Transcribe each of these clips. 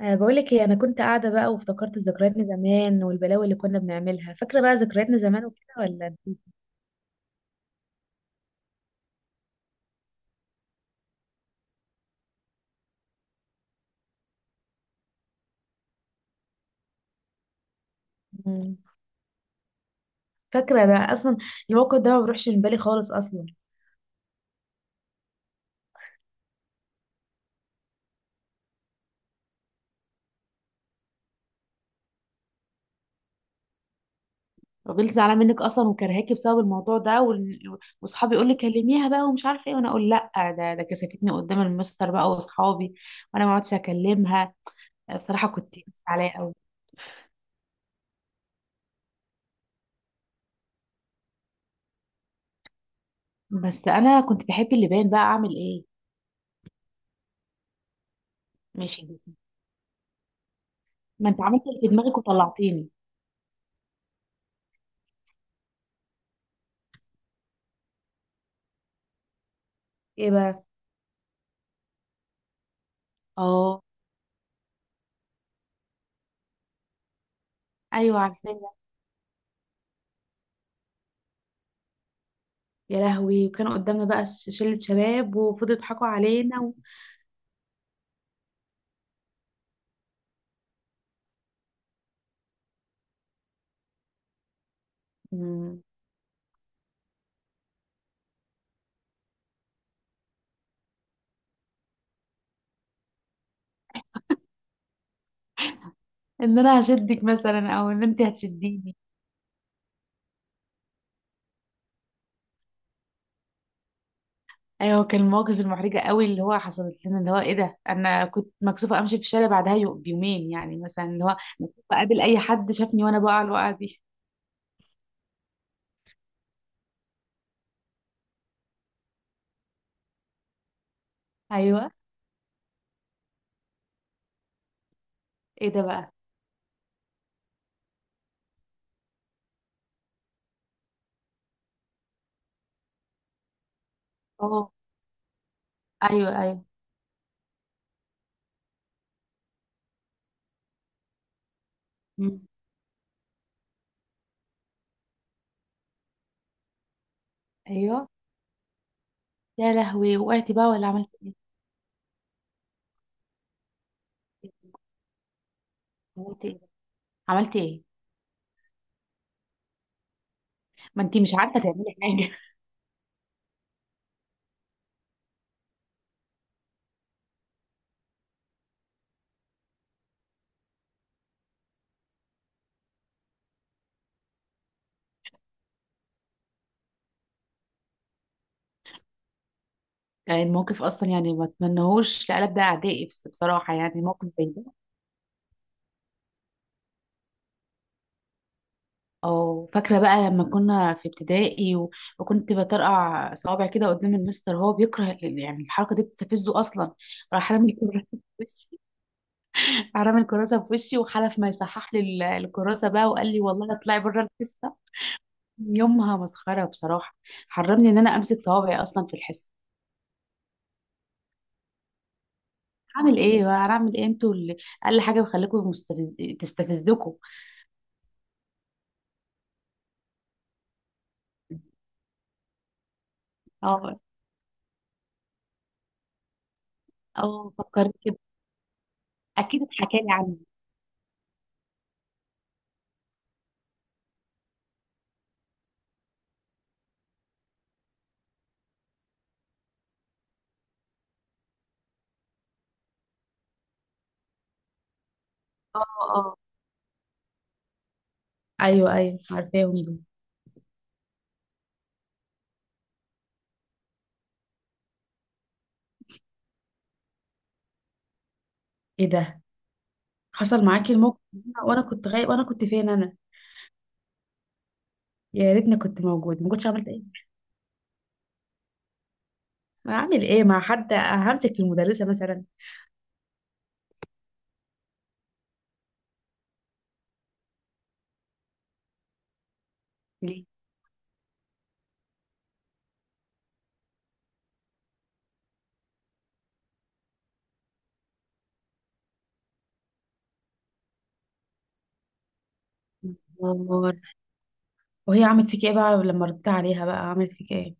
أه بقولك ايه، انا كنت قاعده بقى وافتكرت ذكرياتنا زمان والبلاوي اللي كنا بنعملها. فاكره بقى ذكرياتنا زمان وكده ولا نسيت؟ مم. فاكره ده اصلا، الموقف ده ما بيروحش من بالي خالص اصلا. فضلت زعلانه منك اصلا وكرهاكي بسبب الموضوع ده، واصحابي يقول لي كلميها بقى ومش عارفه ايه، وانا اقول لا. ده كسفتني قدام المستر بقى واصحابي، وانا ما عدتش اكلمها. بصراحه كنت زعلانه قوي. بس انا كنت بحب اللبان بقى، اعمل ايه؟ ماشي. ما انت عملت اللي في دماغك وطلعتيني. ايه بقى؟ اه. ايوه عارفه. يا لهوي، وكانوا قدامنا بقى شلة شباب وفضلوا يضحكوا علينا مم. ان انا هشدك مثلا او ان انت هتشديني. ايوه، كان المواقف المحرجة قوي اللي هو حصلت لنا، اللي هو ايه ده. انا كنت مكسوفة امشي في الشارع بعدها بيومين يعني، مثلا اللي هو بقابل اي حد شافني وانا بقع الوقعة دي. ايوه. ايه ده بقى؟ اه، ايوه ايوه. مم. ايوه. يا لهوي، وقعتي بقى ولا عملت ايه؟ عملت ايه؟ عملت ايه؟ ما انت مش عارفة تعملي حاجة. يعني الموقف اصلا، يعني ما اتمنهوش لقلب ده اعدائي، بس بصراحه يعني موقف زي ده. او فاكره بقى لما كنا في ابتدائي وكنت بطرقع صوابع كده قدام المستر، هو بيكره يعني الحركه دي بتستفزه اصلا. راح رامي الكراسه في وشي راح رامي الكراسه في وشي وحلف ما يصحح لي الكراسه بقى، وقال لي والله اطلعي بره الحصه. يومها مسخره بصراحه. حرمني ان انا امسك صوابعي اصلا في الحصه. هعمل ايه بقى، هعمل ايه؟ انتوا اللي اقل حاجه بخليكم تستفزكم. اه، اه، فكرت كده. اكيد اتحكى لي عنه. اه، اه، ايوه ايوه عارفاهم دول. ايه ده؟ حصل معاكي الموقف ده؟ وانا كنت غايب، وانا كنت فين انا؟ يا ريتني كنت موجود، ما كنتش عملت ايه. ما اعمل ايه مع حد، همسك المدرسه مثلا؟ ليه؟ نهار. وهي عملت فيك ايه بقى لما ردت عليها بقى، عملت فيك ايه؟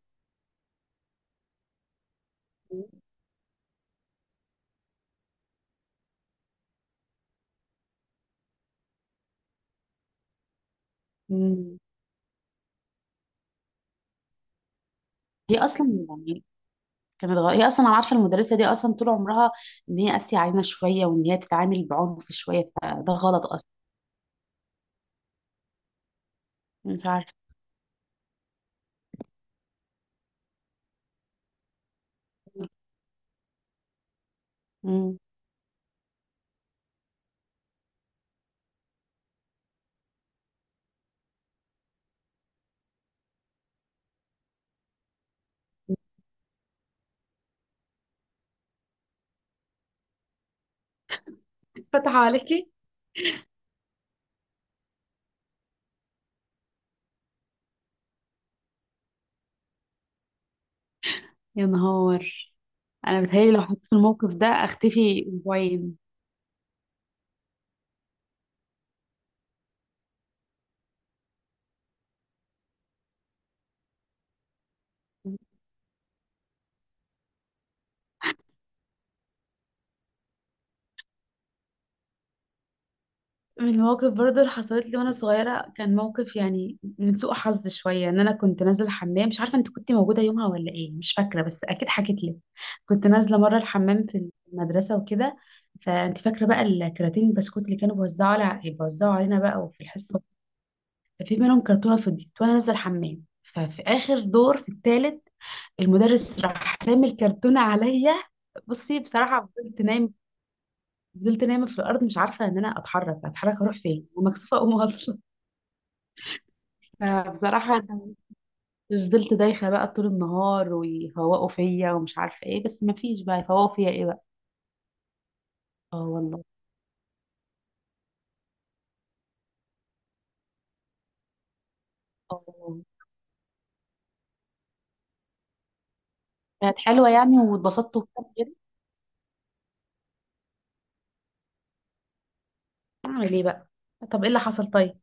امم. هي اصلا يعني كانت هي اصلا انا عارفه المدرسه دي اصلا طول عمرها ان هي قاسيه علينا شويه وان هي بتتعامل بعنف شويه، فده غلط اصلا. مش عارفه. مم. فتح عليكي؟ يا نهار. انا بتهيألي لو حطيت في الموقف ده اختفي اسبوعين. من المواقف برضه اللي حصلت لي وانا صغيره كان موقف، يعني من سوء حظ شويه، ان انا كنت نازله الحمام. مش عارفه انت كنت موجوده يومها ولا ايه، مش فاكره، بس اكيد حكيت لك. كنت نازله مره الحمام في المدرسه وكده. فانت فاكره بقى الكراتين البسكوت اللي كانوا بيوزعوا على بيوزعوا علينا بقى وفي الحصه. في منهم كرتونه فضيت، وانا نازله الحمام، ففي اخر دور في الثالث، المدرس راح رامي الكرتونة عليا. بصي بصراحة، فضلت نايم. فضلت نايمة في الأرض، مش عارفة إن أنا أتحرك أروح فين، ومكسوفة أقوم أصلا. فبصراحة أنا فضلت دايخة بقى طول النهار، ويفوقوا فيا ومش عارفة إيه، بس مفيش بقى يفوقوا فيا إيه بقى. آه والله. آه. كانت حلوة يعني، واتبسطت وكده كده. أعمل إيه بقى؟ طب إيه اللي حصل طيب؟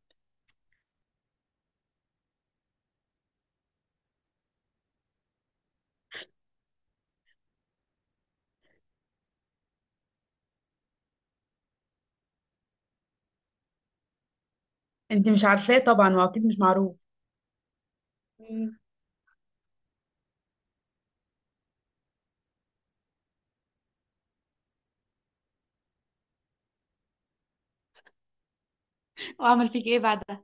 أنت مش عارفاه طبعا وأكيد مش معروف. مم. وأعمل فيك إيه بعدها؟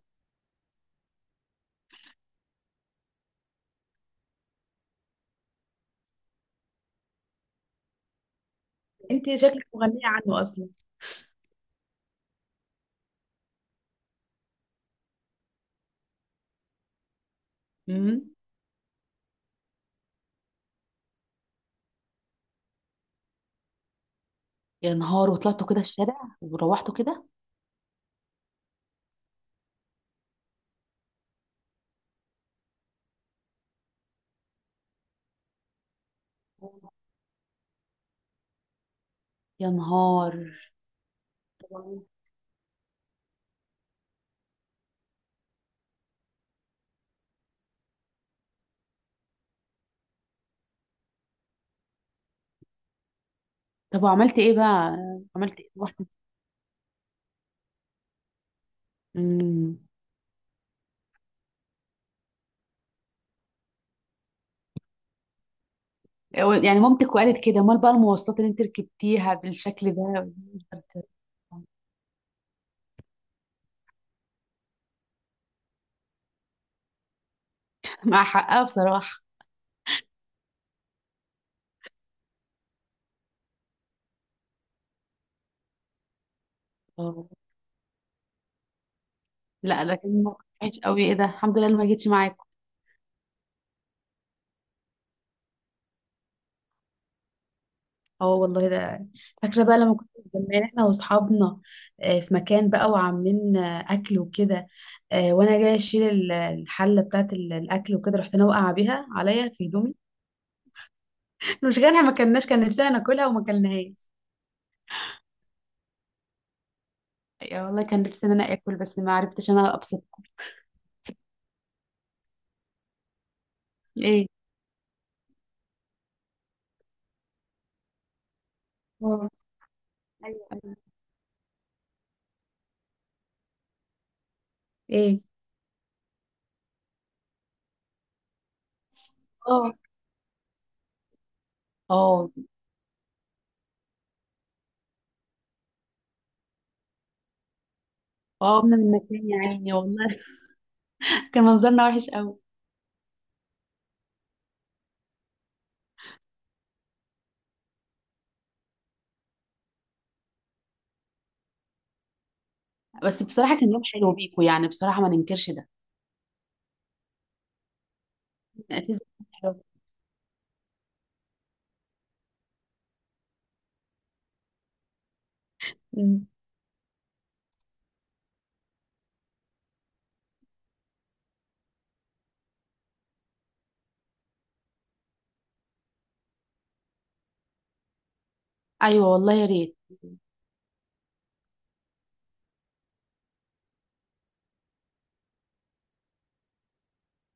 أنت شكلك مغنية عنه أصلا. مم. يا نهار، وطلعتوا كده الشارع وروحتوا كده؟ يا نهار. طب وعملت ايه بقى؟ عملت ايه؟ رحت؟ امم. يعني مامتك وقالت كده، امال بقى المواصلات اللي انت ركبتيها بالشكل ده؟ مع حقها بصراحة. اه. لا، ده كان موقف وحش قوي، ايه ده، الحمد لله اللي ما جيتش معاك. اه والله ده. فاكرة بقى لما كنا متجمعين احنا واصحابنا، في مكان بقى وعاملين اكل وكده، وانا جاية اشيل الحلة بتاعت الاكل وكده، رحت انا واقعة بيها عليا في هدومي. المشكلة ما كناش كان نفسنا ناكلها وما كلناهاش. يا والله كان نفسي ان انا اكل، بس ما عرفتش انا ابسط. ايه؟ اه. ايوه ايوه. ايه؟ اه. اه. اه، من المكان، يا عيني والله. كان منظرنا وحش قوي. بس بصراحه كان يوم حلو بيكو، يعني بصراحه ما ننكرش ده. اعتذر، كان حلو. ايوه والله، يا ريت.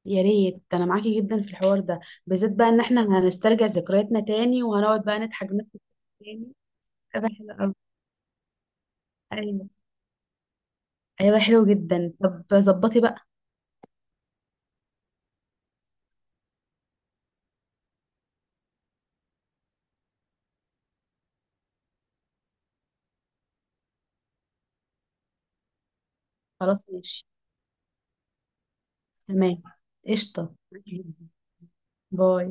يا ريت، انا معاكي جدا في الحوار ده. بالذات بقى ان احنا هنسترجع ذكرياتنا تاني، وهنقعد بقى نضحك ونضحك تاني. هيبقى حلو قوي. ايوه. هيبقى حلو جدا. طب ظبطي بقى. خلاص ماشي. تمام. قشطه. باي.